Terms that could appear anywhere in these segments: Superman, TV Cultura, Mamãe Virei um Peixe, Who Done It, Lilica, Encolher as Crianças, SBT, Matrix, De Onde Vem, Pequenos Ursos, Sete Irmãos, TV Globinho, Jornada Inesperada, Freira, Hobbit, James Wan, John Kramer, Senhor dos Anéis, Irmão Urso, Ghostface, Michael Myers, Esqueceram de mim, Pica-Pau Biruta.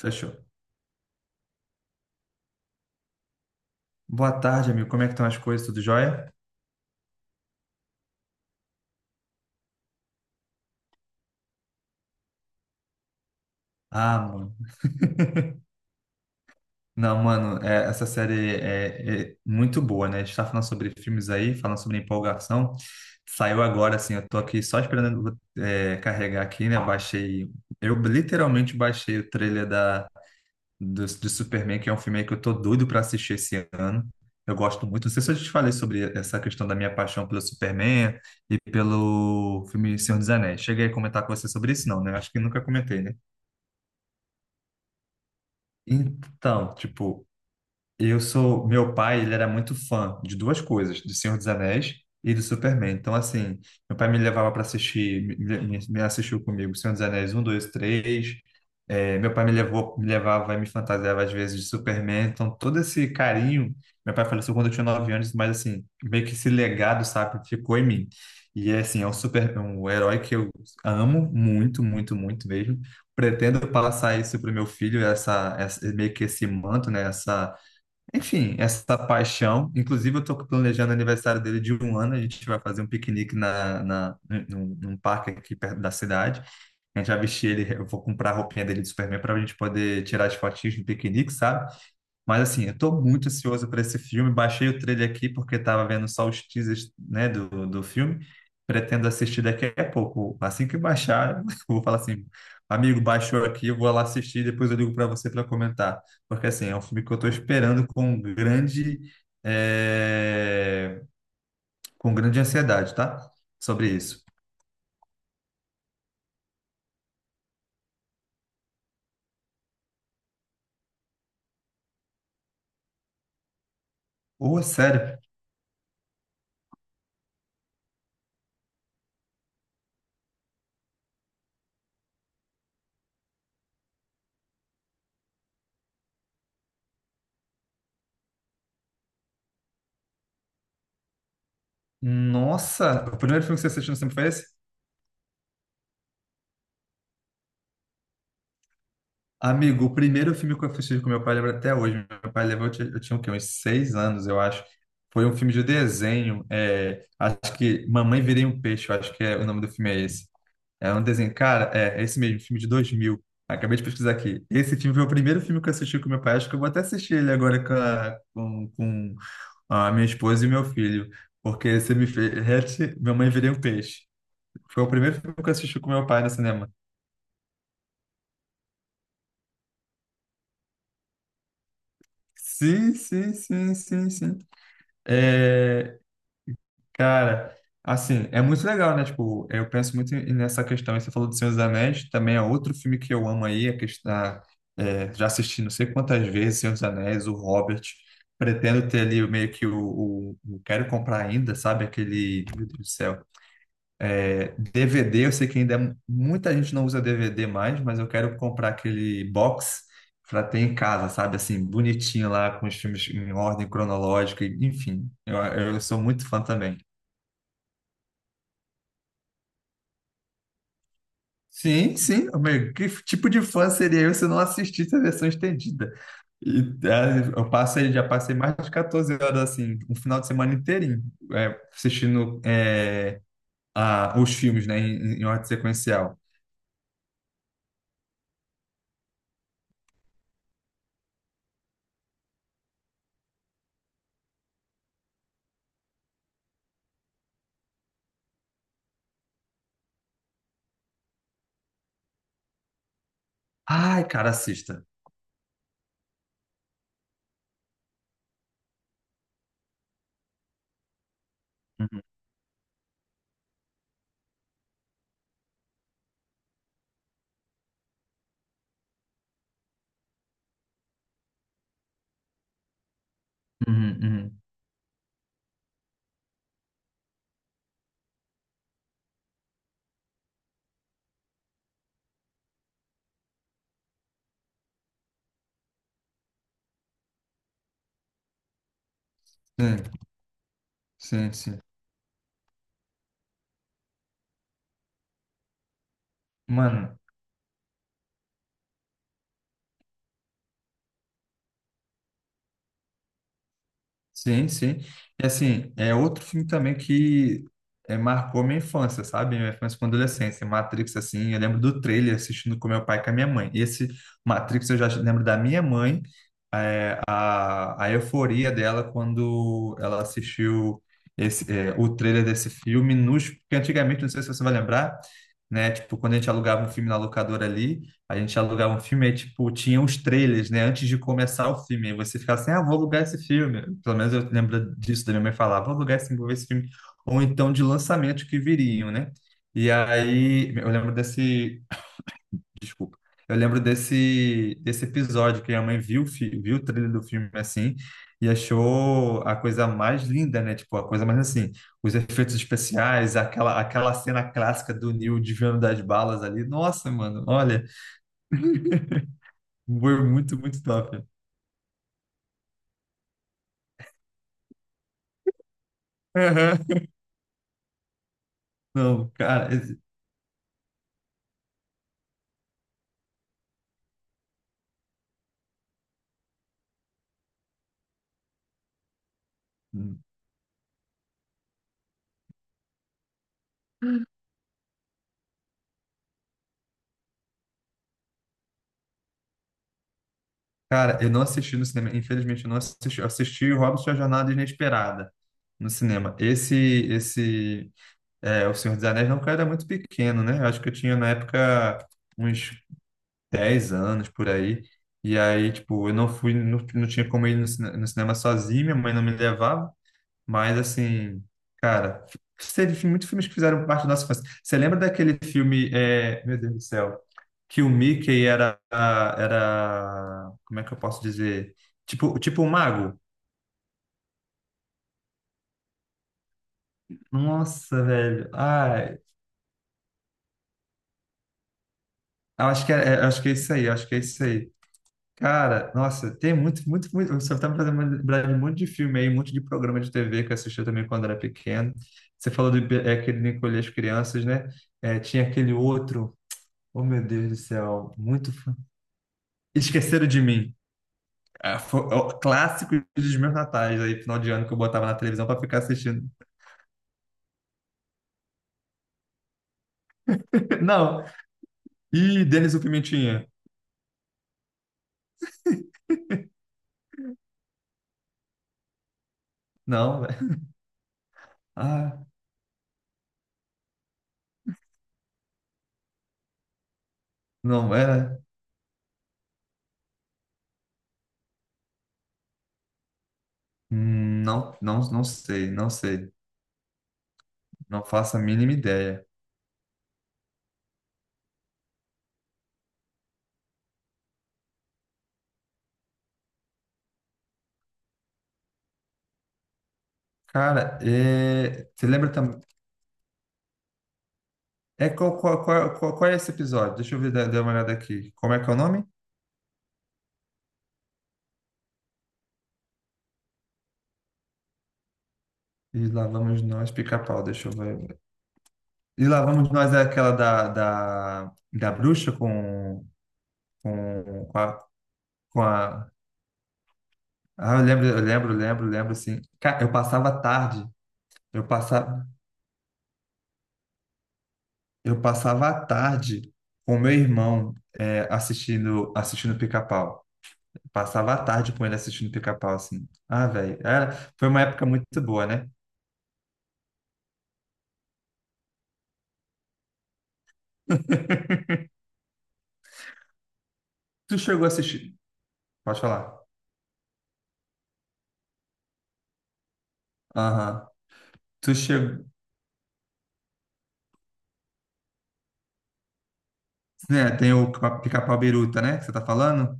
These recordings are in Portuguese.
Fechou. Boa tarde, amigo. Como é que estão as coisas? Tudo jóia? Ah, mano. Não, mano, essa série é muito boa, né? A gente tá falando sobre filmes aí, falando sobre empolgação. Saiu agora, assim, eu tô aqui só esperando carregar aqui, né? Baixei. Eu literalmente baixei o trailer de Superman, que é um filme aí que eu tô doido pra assistir esse ano. Eu gosto muito. Não sei se eu te falei sobre essa questão da minha paixão pelo Superman e pelo filme Senhor dos Anéis. Cheguei a comentar com você sobre isso, não, né? Acho que nunca comentei, né? Então, tipo, eu sou, meu pai, ele era muito fã de duas coisas, do Senhor dos Anéis e do Superman. Então, assim, meu pai me levava para assistir, me assistiu comigo Senhor dos Anéis um 2 três. É, meu pai me levou, me levava e me fantasiava às vezes de Superman. Então, todo esse carinho, meu pai faleceu quando eu tinha 9 anos, mas assim, meio que esse legado, sabe, ficou em mim. E é assim, é um super, é um herói que eu amo muito, muito, muito mesmo. Pretendo passar isso para o meu filho, essa meio que esse manto, né, essa paixão. Inclusive, eu estou planejando o aniversário dele de um ano. A gente vai fazer um piquenique num parque aqui perto da cidade. A gente vai vestir ele. Eu vou comprar a roupinha dele de Superman para a gente poder tirar as fotinhas do piquenique, sabe? Mas assim, eu tô muito ansioso para esse filme. Baixei o trailer aqui porque estava vendo só os teasers, né, do filme. Pretendo assistir daqui a pouco. Assim que baixar, eu vou falar assim, amigo, baixou aqui, eu vou lá assistir, depois eu ligo para você para comentar. Porque assim, é um filme que eu tô esperando com eh, com grande ansiedade, tá? Sobre isso. Ô, sério. Nossa, o primeiro filme que você assistiu no cinema foi esse? Amigo, o primeiro filme que eu assisti com meu pai, lembro até hoje. Meu pai levou, eu tinha, o quê? Uns seis anos, eu acho. Foi um filme de desenho. É, acho que Mamãe Virei um Peixe, eu acho que é, o nome do filme é esse. É um desenho. Cara, é esse mesmo, filme de 2000. Acabei de pesquisar aqui. Esse filme foi o primeiro filme que eu assisti com meu pai. Acho que eu vou até assistir ele agora com com a minha esposa e meu filho. Porque você me fez. Hatch, Mamãe Virei um Peixe. Foi o primeiro filme que eu assisti com meu pai no cinema. Sim, sim, sim, sim, sim. É, cara, assim, é muito legal, né? Tipo, eu penso muito nessa questão. E você falou do Senhor dos Anéis, também é outro filme que eu amo aí, a questão, é, já assisti não sei quantas vezes Senhor dos Anéis, o Hobbit. Pretendo ter ali o meio que quero comprar ainda, sabe? Aquele, meu Deus do céu. DVD, eu sei que ainda muita gente não usa DVD mais, mas eu quero comprar aquele box para ter em casa, sabe? Assim, bonitinho lá, com os filmes em ordem cronológica, enfim. Eu sou muito fã também. Sim, sim, meu que tipo de fã seria eu se eu não assistisse a versão estendida? E, eu passei, já passei mais de 14 horas assim, um final de semana inteirinho, é, assistindo os filmes, né, em ordem sequencial. Ai, cara, assista. Uhum, uhum, uhum. Sim, sim, sim. Mano, sim, sim. E assim, é outro filme também que marcou minha infância, sabe? Minha infância com adolescência. Matrix, assim, eu lembro do trailer assistindo com meu pai e com a minha mãe. E esse Matrix eu já lembro da minha mãe, é, a euforia dela quando ela assistiu esse, é, o trailer desse filme, nos, porque antigamente, não sei se você vai lembrar, né? Tipo, quando a gente alugava um filme na locadora ali. A gente alugava um filme, aí, tipo, tinha uns trailers, né? Antes de começar o filme. Aí você ficava assim, ah, vou alugar esse filme. Pelo menos eu lembro disso, da minha mãe falar, vou alugar esse, vou ver esse filme. Ou então de lançamento que viriam, né? E aí, eu lembro desse... Desculpa. Eu lembro desse episódio que a mãe viu, viu o trailer do filme, assim, e achou a coisa mais linda, né? Tipo, a coisa mais, assim, os efeitos especiais, aquela cena clássica do Neil desviando das balas ali. Nossa, mano, olha... Humor muito, muito top. Aham. Não, cara, cara, eu não assisti no cinema, infelizmente eu não assisti. Eu assisti o Hobbit e a Jornada Inesperada no cinema. Esse, O Senhor dos Anéis, não, cara, era muito pequeno, né? Eu acho que eu tinha na época uns 10 anos por aí. E aí, tipo, eu não fui, não, não tinha como ir no cinema sozinho, minha mãe não me levava. Mas, assim, cara, teve muitos filmes que fizeram parte da nossa infância. Você lembra daquele filme, é, meu Deus do céu, que o Mickey era, como é que eu posso dizer? Tipo um mago? Nossa, velho. Ai, eu acho que é, eu acho que é isso aí, eu acho que é isso aí. Cara, nossa, tem muito, muito, muito. Você tá me fazendo lembrar de um monte de filme aí, um monte de programa de TV que eu assistia também quando era pequeno. Você falou do, é, aquele Encolher as Crianças, né? É, tinha aquele outro. Oh, meu Deus do céu, muito fã. Esqueceram de Mim. É, é o clássico dos meus natais aí, final de ano que eu botava na televisão pra ficar assistindo. Não. E Denis o Pimentinha? Não, velho. Ah, não, é. Não, não, não sei, não sei. Não faço a mínima ideia. Cara, é... você lembra também? É qual é esse episódio? Deixa eu ver, dar uma olhada aqui. Como é que é o nome? E lá vamos nós, pica-pau. Deixa eu ver. E lá vamos nós é aquela da bruxa com, com a, com a- ah, eu lembro, eu lembro, eu lembro, eu lembro, assim. Cara, eu passava, eu passava a tarde com meu irmão assistindo Pica-Pau. Passava a tarde com ele assistindo Pica-Pau, assim. Ah, velho, era- foi uma época muito boa, né? Tu chegou a assistir? Pode falar. Aham. Tu chegou... É, tem o Pica-Pau Biruta, né? Que você tá falando?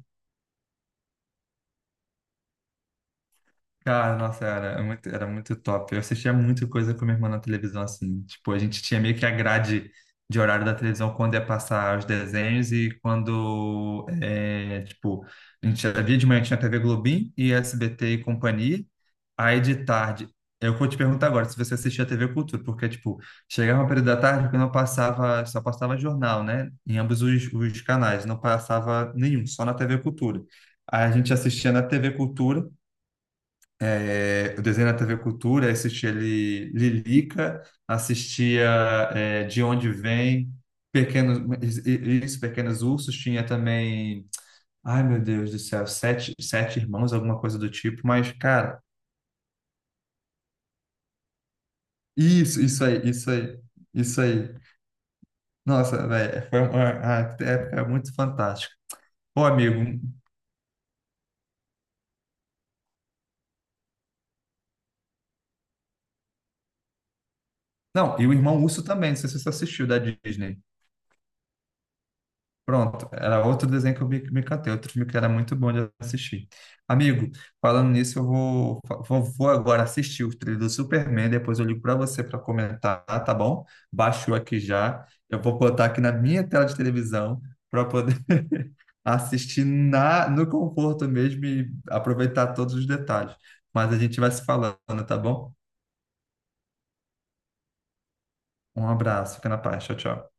Cara, nossa, era muito top. Eu assistia muita coisa com minha irmã na televisão, assim. Tipo, a gente tinha meio que a grade de horário da televisão quando ia passar os desenhos e quando, é, tipo, a gente havia de manhã tinha TV Globinho e SBT e companhia. Aí de tarde, eu vou te perguntar agora se você assistia TV Cultura, porque, tipo, chegava um período da tarde que não passava, só passava jornal, né? Em ambos os canais, não passava nenhum, só na TV Cultura. Aí a gente assistia na TV Cultura é, eu desenho na TV Cultura, assistia ali Lilica, assistia é, De Onde Vem, Pequenos, isso, Pequenos Ursos, tinha também, ai meu Deus do céu, Sete, Sete Irmãos, alguma coisa do tipo, mas, cara, isso, isso aí, isso aí, isso aí. Nossa, velho, foi uma a época é muito fantástica. Ô, amigo, não, e o Irmão Urso também, não sei se você assistiu da Disney. Pronto, era outro desenho que eu vi que me catei, outro filme que era muito bom de assistir. Amigo, falando nisso, vou agora assistir o trailer do Superman, depois eu ligo para você para comentar, tá bom? Baixou aqui já, eu vou botar aqui na minha tela de televisão para poder assistir na, no conforto mesmo e aproveitar todos os detalhes. Mas a gente vai se falando, tá bom? Um abraço, fica na paz, tchau, tchau.